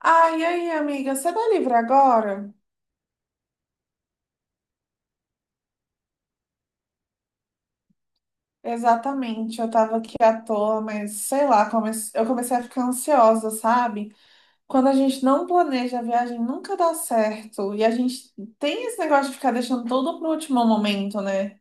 Ai, e aí, amiga, você tá livre agora? Exatamente, eu tava aqui à toa, mas sei lá, eu comecei a ficar ansiosa, sabe? Quando a gente não planeja a viagem, nunca dá certo. E a gente tem esse negócio de ficar deixando tudo pro último momento, né?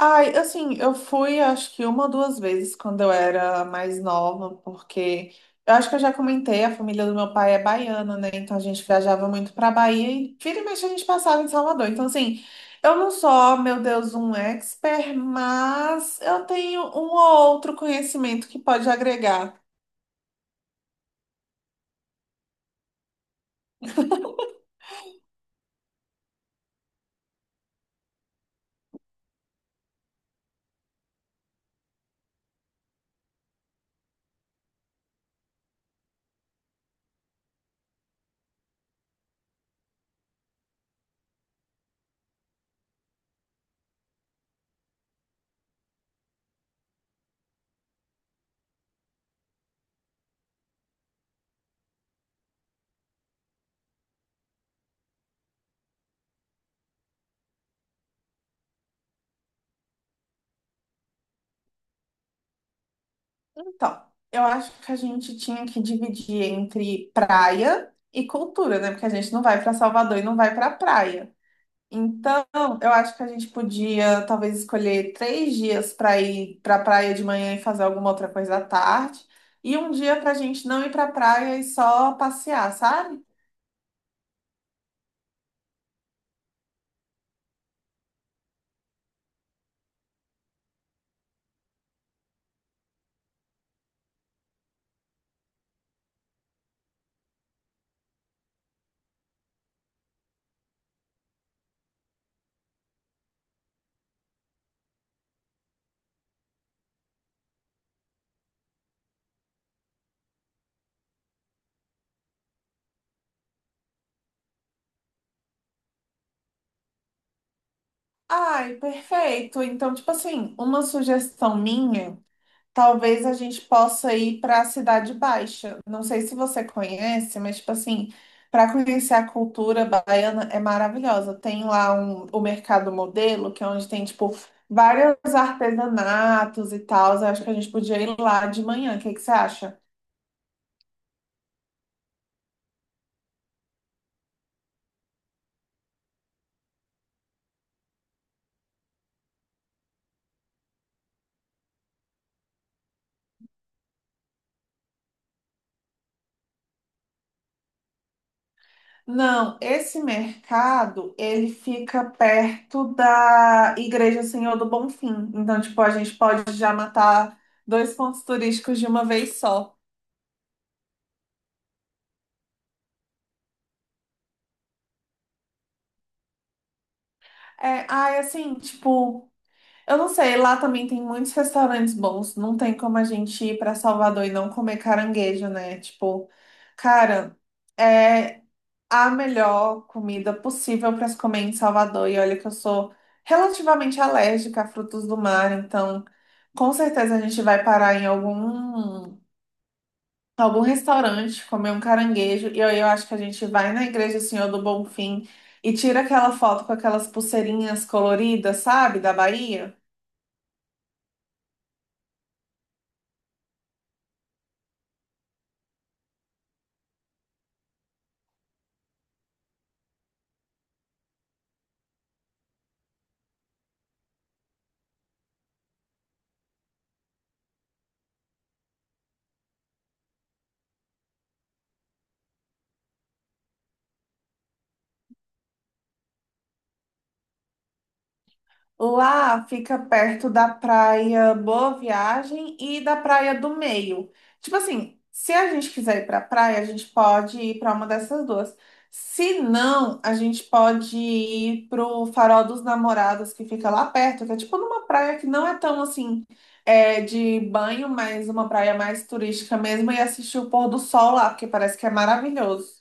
Ai, assim, eu fui acho que uma ou duas vezes quando eu era mais nova, porque eu acho que eu já comentei, a família do meu pai é baiana, né? Então a gente viajava muito pra Bahia e vira e mexe a gente passava em Salvador. Então, assim, eu não sou, oh, meu Deus, um expert, mas eu tenho um ou outro conhecimento que pode agregar. Então, eu acho que a gente tinha que dividir entre praia e cultura, né? Porque a gente não vai para Salvador e não vai para praia. Então, eu acho que a gente podia talvez escolher três dias para ir para a praia de manhã e fazer alguma outra coisa à tarde, e um dia para a gente não ir para a praia e só passear, sabe? Ai, perfeito. Então, tipo assim, uma sugestão minha. Talvez a gente possa ir para a Cidade Baixa. Não sei se você conhece, mas tipo assim, para conhecer a cultura baiana é maravilhosa. Tem lá um, o Mercado Modelo, que é onde tem tipo vários artesanatos e tal. Eu acho que a gente podia ir lá de manhã. O que que você acha? Não, esse mercado, ele fica perto da Igreja Senhor do Bonfim. Então, tipo, a gente pode já matar dois pontos turísticos de uma vez só. É, ai, assim, tipo, eu não sei, lá também tem muitos restaurantes bons. Não tem como a gente ir para Salvador e não comer caranguejo, né? Tipo, cara, é a melhor comida possível para se comer em Salvador. E olha que eu sou relativamente alérgica a frutos do mar, então com certeza a gente vai parar em algum restaurante, comer um caranguejo. E aí eu acho que a gente vai na Igreja Senhor do Bonfim e tira aquela foto com aquelas pulseirinhas coloridas, sabe, da Bahia. Lá fica perto da praia Boa Viagem e da praia do Meio. Tipo assim, se a gente quiser ir pra praia, a gente pode ir pra uma dessas duas. Se não, a gente pode ir pro Farol dos Namorados, que fica lá perto, que é tipo numa praia que não é tão assim, é, de banho, mas uma praia mais turística mesmo, e assistir o pôr do sol lá, porque parece que é maravilhoso.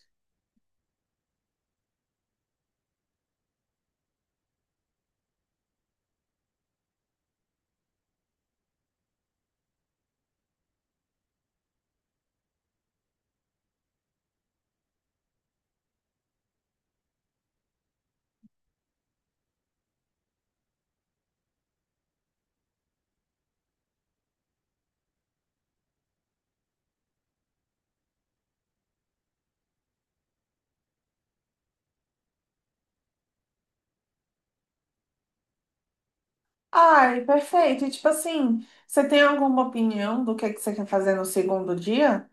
Ai, perfeito. E tipo assim, você tem alguma opinião do que você quer fazer no segundo dia?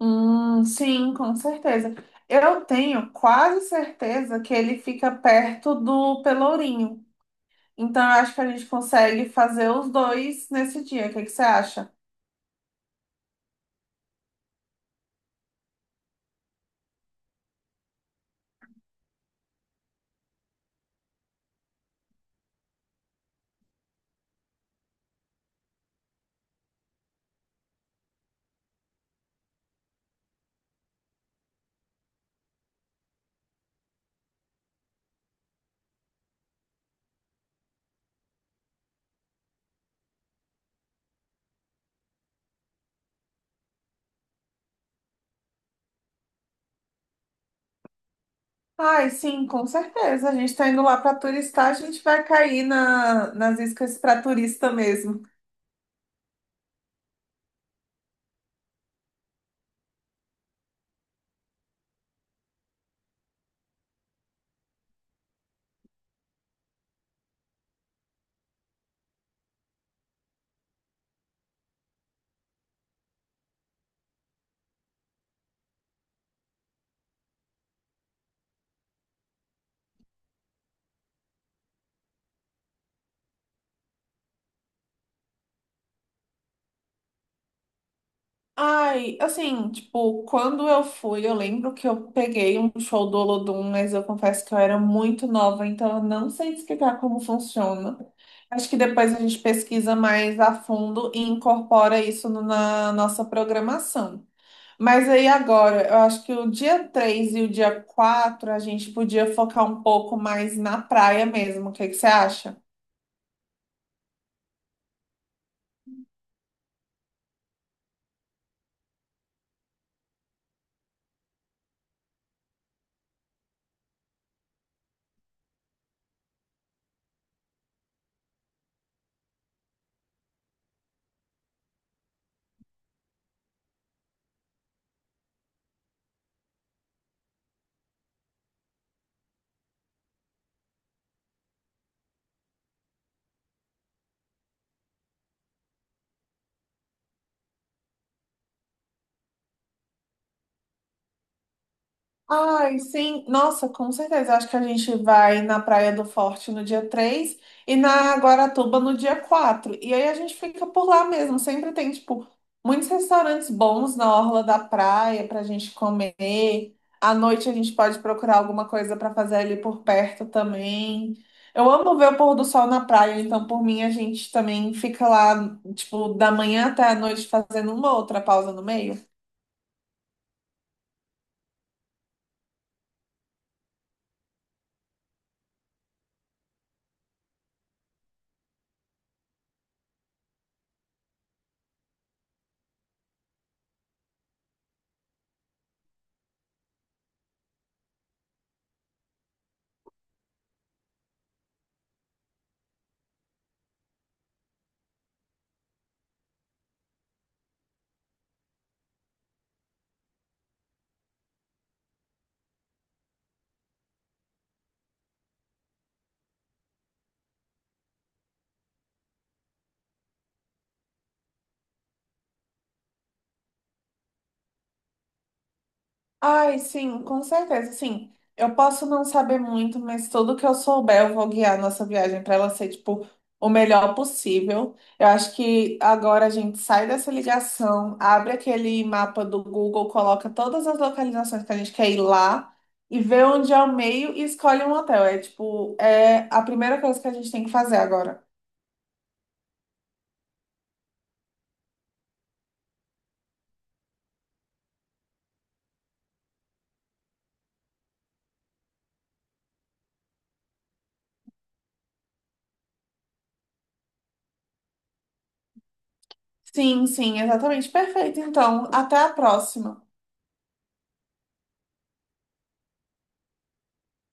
Sim, com certeza. Eu tenho quase certeza que ele fica perto do Pelourinho. Então, eu acho que a gente consegue fazer os dois nesse dia. O que que você acha? Ai, sim, com certeza. A gente tá indo lá para turistar, a gente vai cair na, nas iscas para turista mesmo. Ai, assim, tipo, quando eu fui, eu lembro que eu peguei um show do Olodum, mas eu confesso que eu era muito nova, então eu não sei te explicar como funciona. Acho que depois a gente pesquisa mais a fundo e incorpora isso na nossa programação. Mas aí agora, eu acho que o dia 3 e o dia 4 a gente podia focar um pouco mais na praia mesmo. O que que você acha? Ai, sim. Nossa, com certeza. Acho que a gente vai na Praia do Forte no dia 3 e na Guaratuba no dia quatro. E aí a gente fica por lá mesmo. Sempre tem, tipo, muitos restaurantes bons na orla da praia pra gente comer. À noite a gente pode procurar alguma coisa pra fazer ali por perto também. Eu amo ver o pôr do sol na praia, então por mim a gente também fica lá, tipo, da manhã até a noite fazendo uma outra pausa no meio. Ai, sim, com certeza. Sim, eu posso não saber muito, mas tudo que eu souber, eu vou guiar a nossa viagem para ela ser, tipo, o melhor possível. Eu acho que agora a gente sai dessa ligação, abre aquele mapa do Google, coloca todas as localizações que a gente quer ir lá e vê onde é o meio e escolhe um hotel. É, tipo, é a primeira coisa que a gente tem que fazer agora. Sim, sim, exatamente. Perfeito. Então, até a próxima.